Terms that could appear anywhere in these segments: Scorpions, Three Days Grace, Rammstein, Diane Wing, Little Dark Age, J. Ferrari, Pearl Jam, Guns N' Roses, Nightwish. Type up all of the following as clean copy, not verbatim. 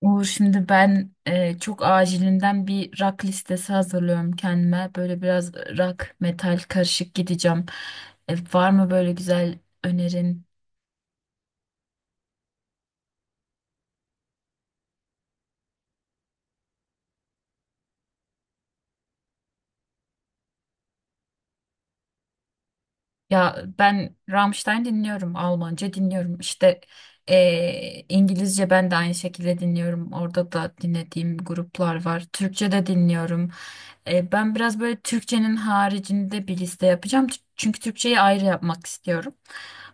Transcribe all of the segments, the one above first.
Uğur, şimdi ben çok acilinden bir rock listesi hazırlıyorum kendime. Böyle biraz rock, metal karışık gideceğim. Var mı böyle güzel önerin? Ya ben Rammstein dinliyorum, Almanca dinliyorum. İşte İngilizce ben de aynı şekilde dinliyorum. Orada da dinlediğim gruplar var. Türkçe de dinliyorum. Ben biraz böyle Türkçenin haricinde bir liste yapacağım. Çünkü Türkçeyi ayrı yapmak istiyorum.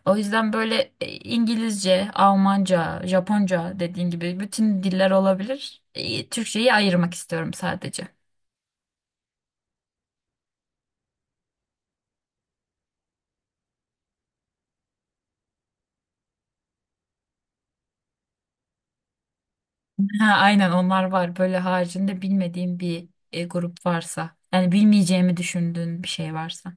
O yüzden böyle İngilizce, Almanca, Japonca dediğin gibi bütün diller olabilir. Türkçeyi ayırmak istiyorum sadece. Ha, aynen onlar var. Böyle haricinde bilmediğim bir grup varsa. Yani bilmeyeceğimi düşündüğün bir şey varsa.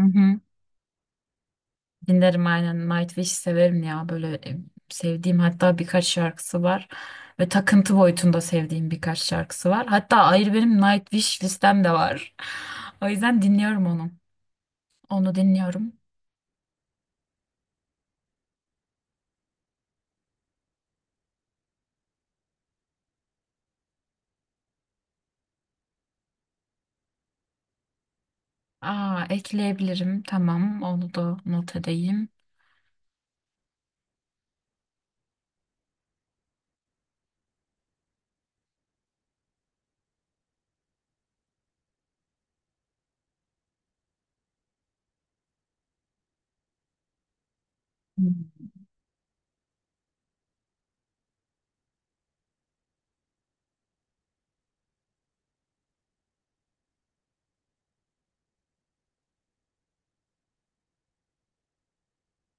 Hı hı. Dinlerim aynen. Nightwish severim ya. Böyle sevdiğim hatta birkaç şarkısı var. Ve takıntı boyutunda sevdiğim birkaç şarkısı var. Hatta ayrı benim Nightwish listem de var. O yüzden dinliyorum onu. Onu dinliyorum. Aa, ekleyebilirim. Tamam. Onu da not edeyim.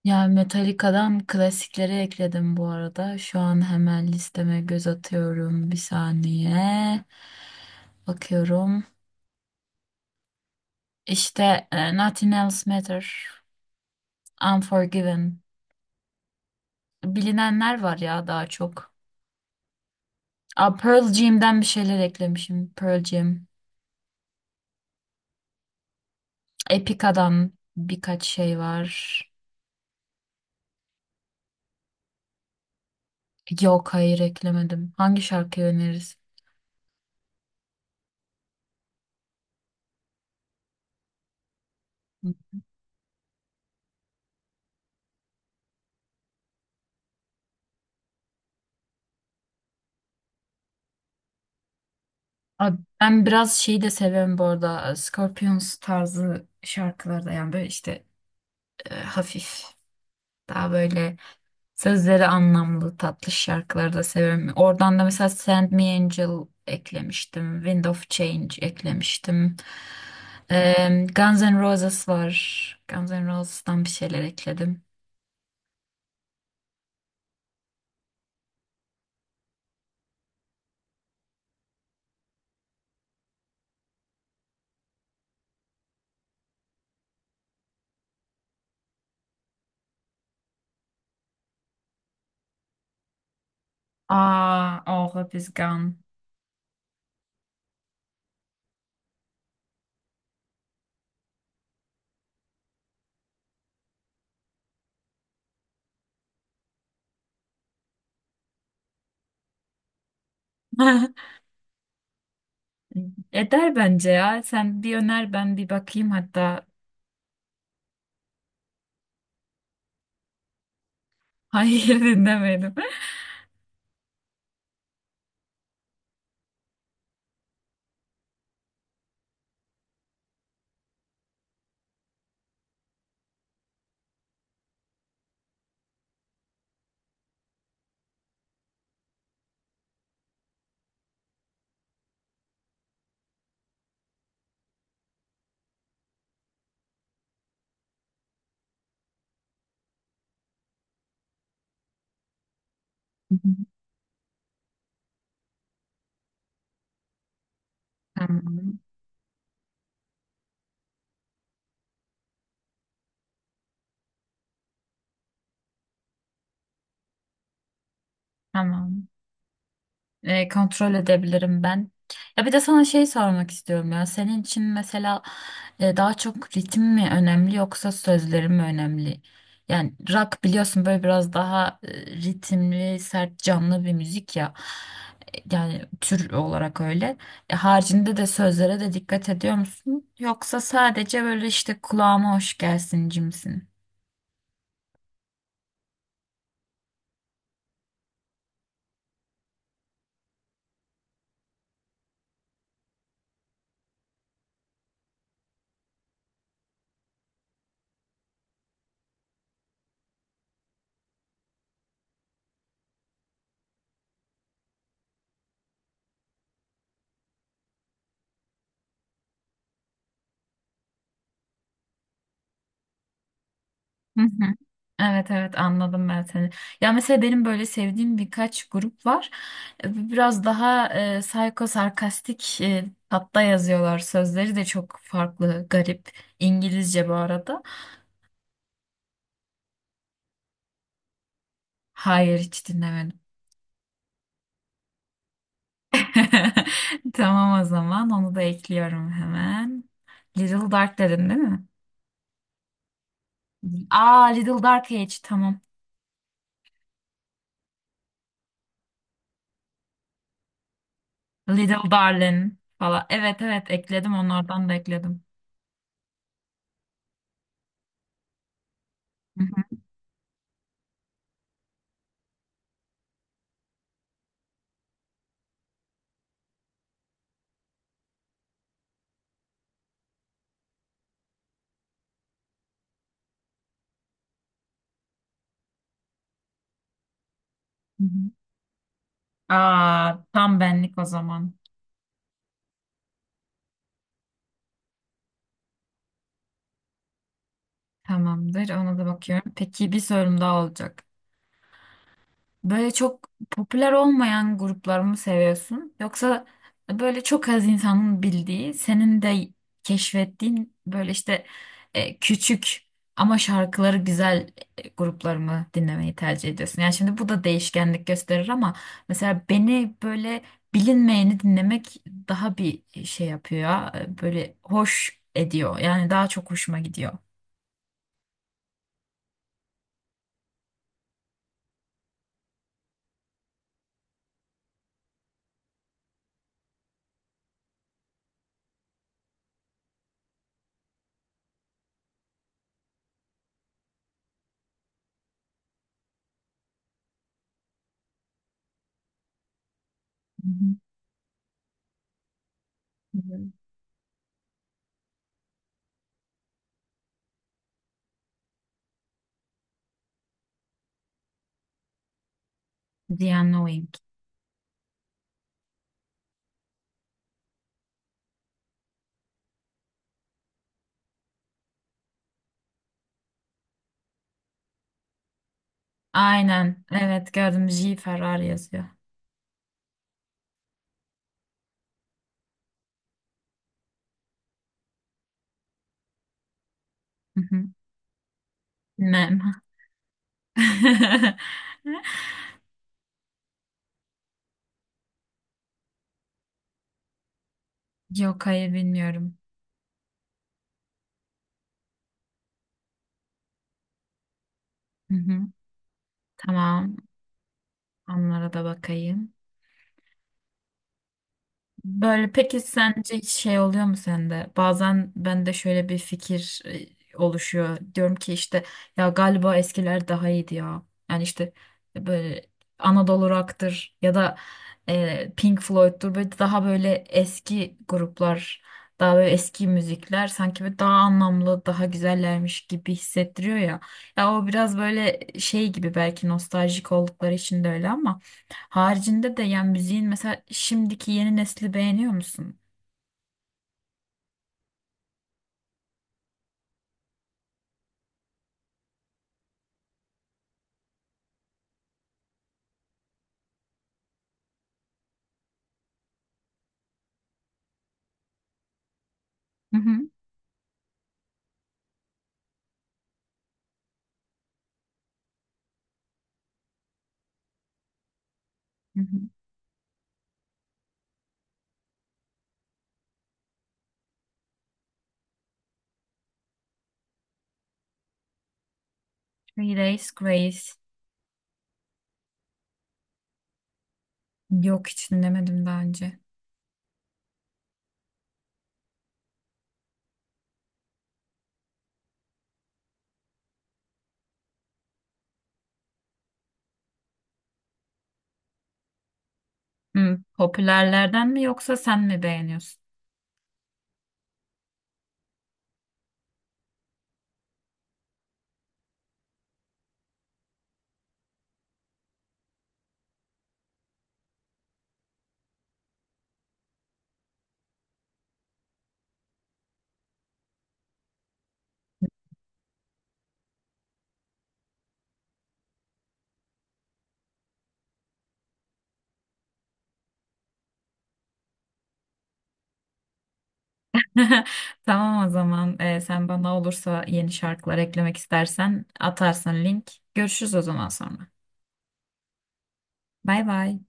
Ya Metallica'dan klasikleri ekledim bu arada. Şu an hemen listeme göz atıyorum. Bir saniye. Bakıyorum. İşte Nothing Else Matter, Unforgiven. Bilinenler var ya daha çok. Aa, Pearl Jam'den bir şeyler eklemişim. Pearl Jam. Epica'dan birkaç şey var. Yok, hayır, eklemedim. Hangi şarkıyı öneririz? Abi ben biraz şeyi de seviyorum bu arada. Scorpions tarzı şarkıları da, yani böyle işte hafif. Daha böyle sözleri anlamlı, tatlı şarkıları da severim. Oradan da mesela Send Me Angel eklemiştim. Wind of Change eklemiştim. Guns N' Roses var. Guns N' Roses'tan bir şeyler ekledim. Aa, oh, Hope is Gone. Eder bence ya. Sen bir öner, ben bir bakayım hatta. Hayır, dinlemedim. Tamam. Tamam, kontrol edebilirim ben. Ya bir de sana şey sormak istiyorum ya. Senin için mesela daha çok ritim mi önemli, yoksa sözlerim mi önemli? Yani rock biliyorsun, böyle biraz daha ritimli, sert, canlı bir müzik ya. Yani tür olarak öyle. Haricinde de sözlere de dikkat ediyor musun? Yoksa sadece böyle işte kulağıma hoş gelsin cimsin. Evet, evet, anladım ben seni. Ya mesela benim böyle sevdiğim birkaç grup var. Biraz daha psycho sarkastik hatta yazıyorlar. Sözleri de çok farklı, garip. İngilizce bu arada. Hayır, hiç dinlemedim. Tamam, o zaman onu da ekliyorum hemen. Little Dark dedin değil mi? Aa, Little Dark Age, tamam. Little Darling falan. Evet, evet, ekledim, onlardan da ekledim. Hı hı. Hı hı. Aa, tam benlik o zaman. Tamamdır. Ona da bakıyorum. Peki, bir sorum daha olacak. Böyle çok popüler olmayan grupları mı seviyorsun? Yoksa böyle çok az insanın bildiği, senin de keşfettiğin böyle işte küçük ama şarkıları güzel grupları mı dinlemeyi tercih ediyorsun? Yani şimdi bu da değişkenlik gösterir ama mesela beni böyle bilinmeyeni dinlemek daha bir şey yapıyor ya, böyle hoş ediyor. Yani daha çok hoşuma gidiyor. Hı hı. Diane Wing. Aynen. Evet, gördüm. J. Ferrari yazıyor. Hı hı. Mem. Yok, hayır, bilmiyorum. Hı hı. Tamam. Onlara da bakayım. Böyle peki sence hiç şey oluyor mu sende? Bazen bende şöyle bir fikir oluşuyor. Diyorum ki işte ya galiba eskiler daha iyiydi ya. Yani işte böyle Anadolu Rock'tır ya da Pink Floyd'tur. Böyle daha böyle eski gruplar, daha böyle eski müzikler sanki böyle daha anlamlı, daha güzellermiş gibi hissettiriyor ya. Ya o biraz böyle şey gibi, belki nostaljik oldukları için de öyle ama. Haricinde de yani müziğin mesela şimdiki yeni nesli beğeniyor musun? Hı hı. Hı hı. Three Days Grace. Yok, hiç dinlemedim daha önce. Hı, popülerlerden mi yoksa sen mi beğeniyorsun? Tamam, o zaman sen bana olursa yeni şarkılar eklemek istersen atarsın link. Görüşürüz o zaman sonra. Bay bay.